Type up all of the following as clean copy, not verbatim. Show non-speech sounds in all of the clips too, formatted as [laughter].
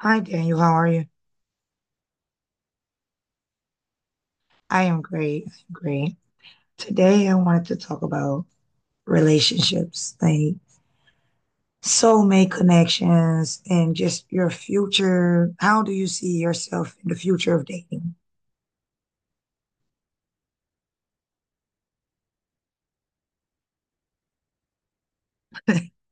Hi, Daniel. How are you? I am great. I'm great. Today, I wanted to talk about relationships, like soulmate connections, and just your future. How do you see yourself in the future of dating? [laughs]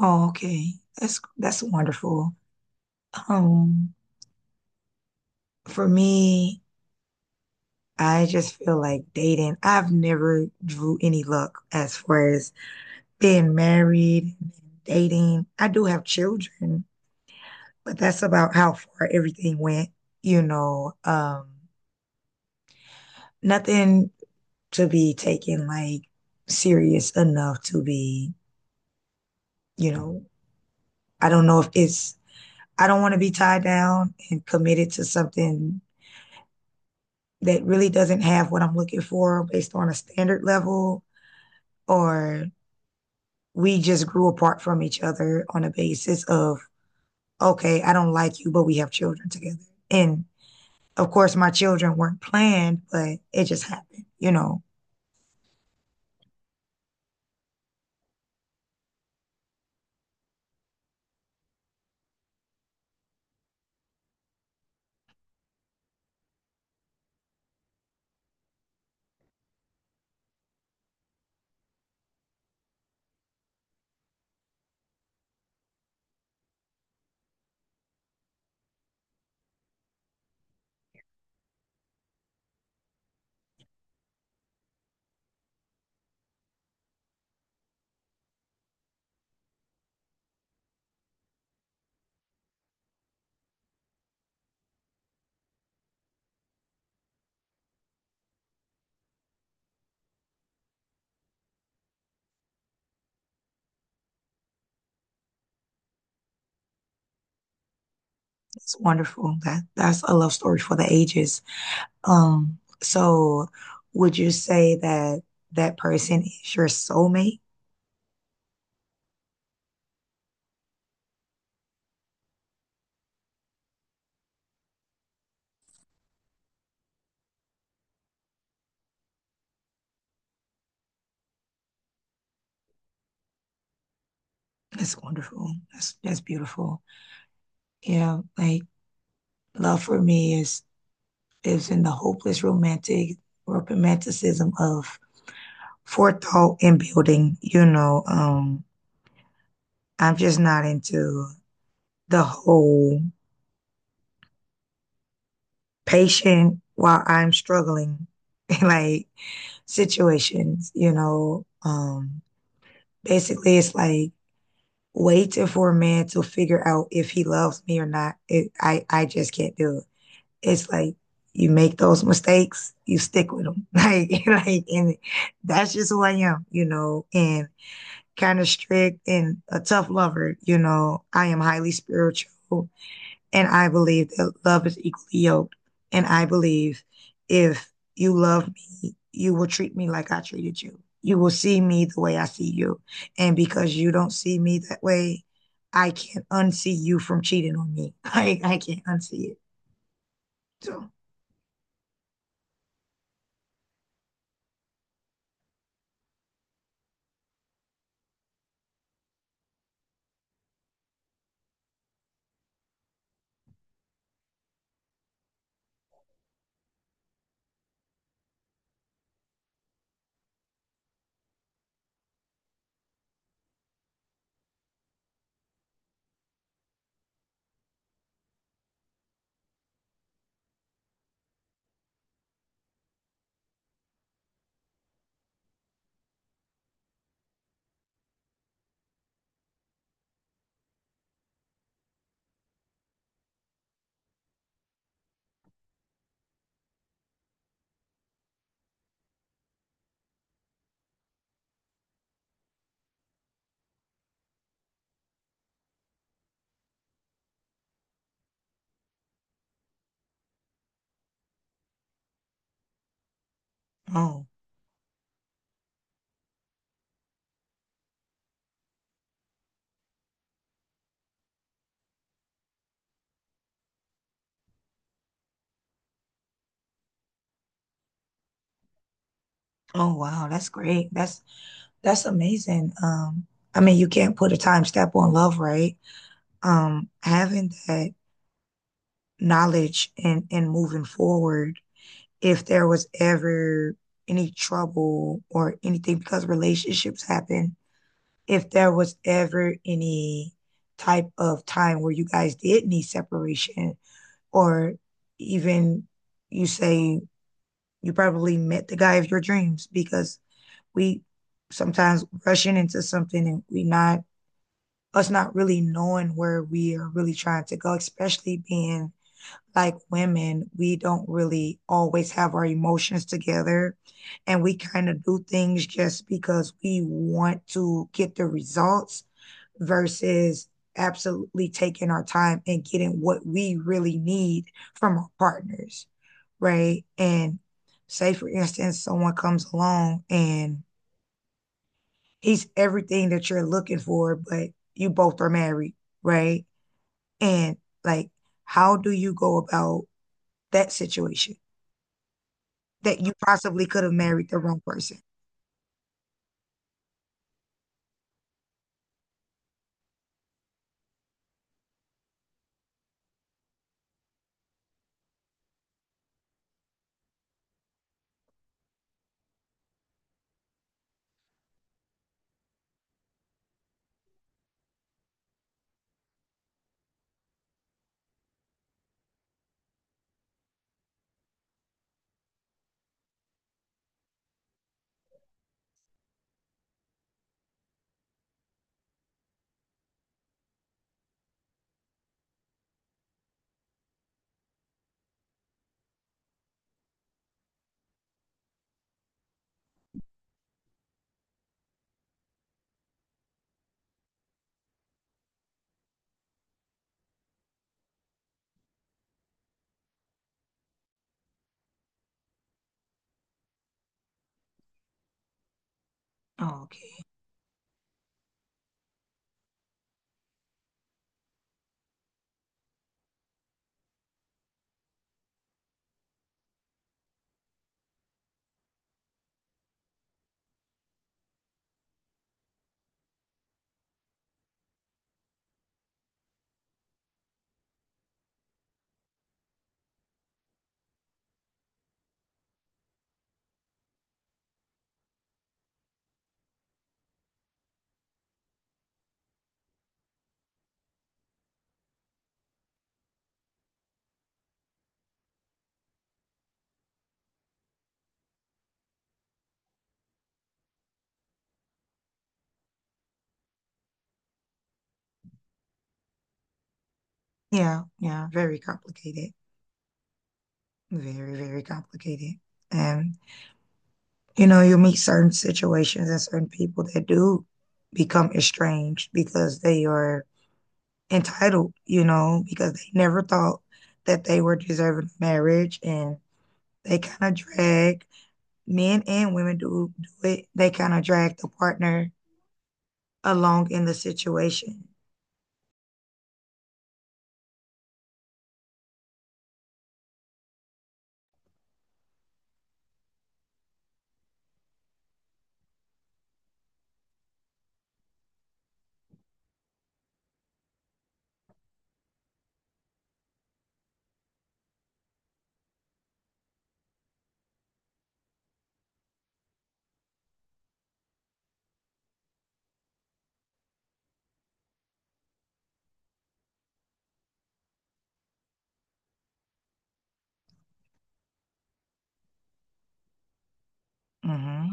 Oh, okay. That's wonderful. Um, for me, I just feel like dating. I've never drew any luck as far as being married, dating. I do have children, but that's about how far everything went. You know, um, Nothing to be taken like serious enough to be, you know, I don't know if it's, I don't want to be tied down and committed to something that really doesn't have what I'm looking for based on a standard level, or we just grew apart from each other on a basis of, okay, I don't like you, but we have children together. And of course, my children weren't planned, but it just happened. It's wonderful. That's a love story for the ages. So would you say that that person is your soulmate? That's wonderful. That's beautiful. Yeah, like love for me is in the hopeless romantic romanticism of forethought and building. I'm just not into the whole patient while I'm struggling [laughs] like situations. Basically, it's like waiting for a man to figure out if he loves me or not. I just can't do it. It's like you make those mistakes, you stick with them. [laughs] And that's just who I am. And kind of strict and a tough lover, you know. I am highly spiritual. And I believe that love is equally yoked. And I believe if you love me, you will treat me like I treated you. You will see me the way I see you. And because you don't see me that way, I can't unsee you from cheating on me. [laughs] I can't unsee it. So, oh, oh wow, that's great. That's amazing. I mean, you can't put a time step on love, right? Having that knowledge and moving forward if there was ever any trouble or anything because relationships happen, if there was ever any type of time where you guys did need separation or even you say you probably met the guy of your dreams because we sometimes rushing into something and we not us not really knowing where we are really trying to go, especially being like women, we don't really always have our emotions together. And we kind of do things just because we want to get the results versus absolutely taking our time and getting what we really need from our partners, right? And say, for instance, someone comes along and he's everything that you're looking for, but you both are married, right? And like, how do you go about that situation? That you possibly could have married the wrong person. Oh, okay. Yeah, yeah, very complicated. Very, very complicated. And you know, you meet certain situations and certain people that do become estranged because they are entitled, you know, because they never thought that they were deserving of marriage and they kind of drag men and women do it. They kind of drag the partner along in the situation. Mm-hmm.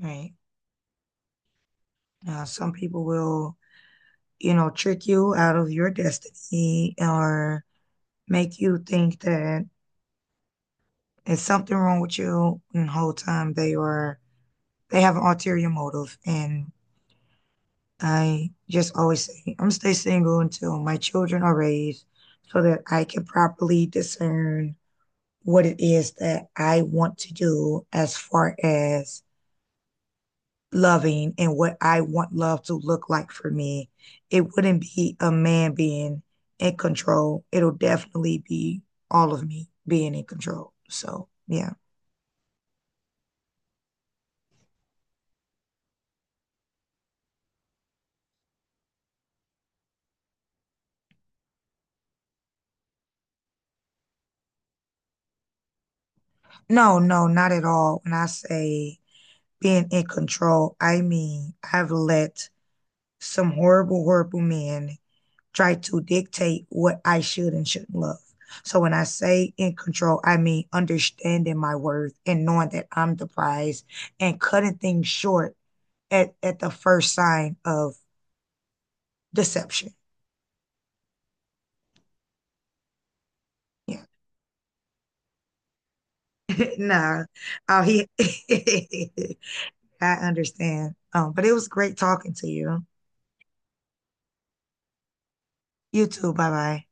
Right. Now, some people will, you know, trick you out of your destiny or make you think that there's something wrong with you, and the whole time they have an ulterior motive, and I just always say, I'm gonna stay single until my children are raised so that I can properly discern what it is that I want to do as far as loving and what I want love to look like for me. It wouldn't be a man being in control. It'll definitely be all of me being in control. So, yeah. No, no, not at all. When I say being in control, I mean I've let some horrible, horrible men try to dictate what I should and shouldn't love. So when I say in control, I mean understanding my worth and knowing that I'm the prize and cutting things short at the first sign of deception. Yeah. [laughs] Nah. Oh, he [laughs] I understand. But it was great talking to you. You too. Bye bye.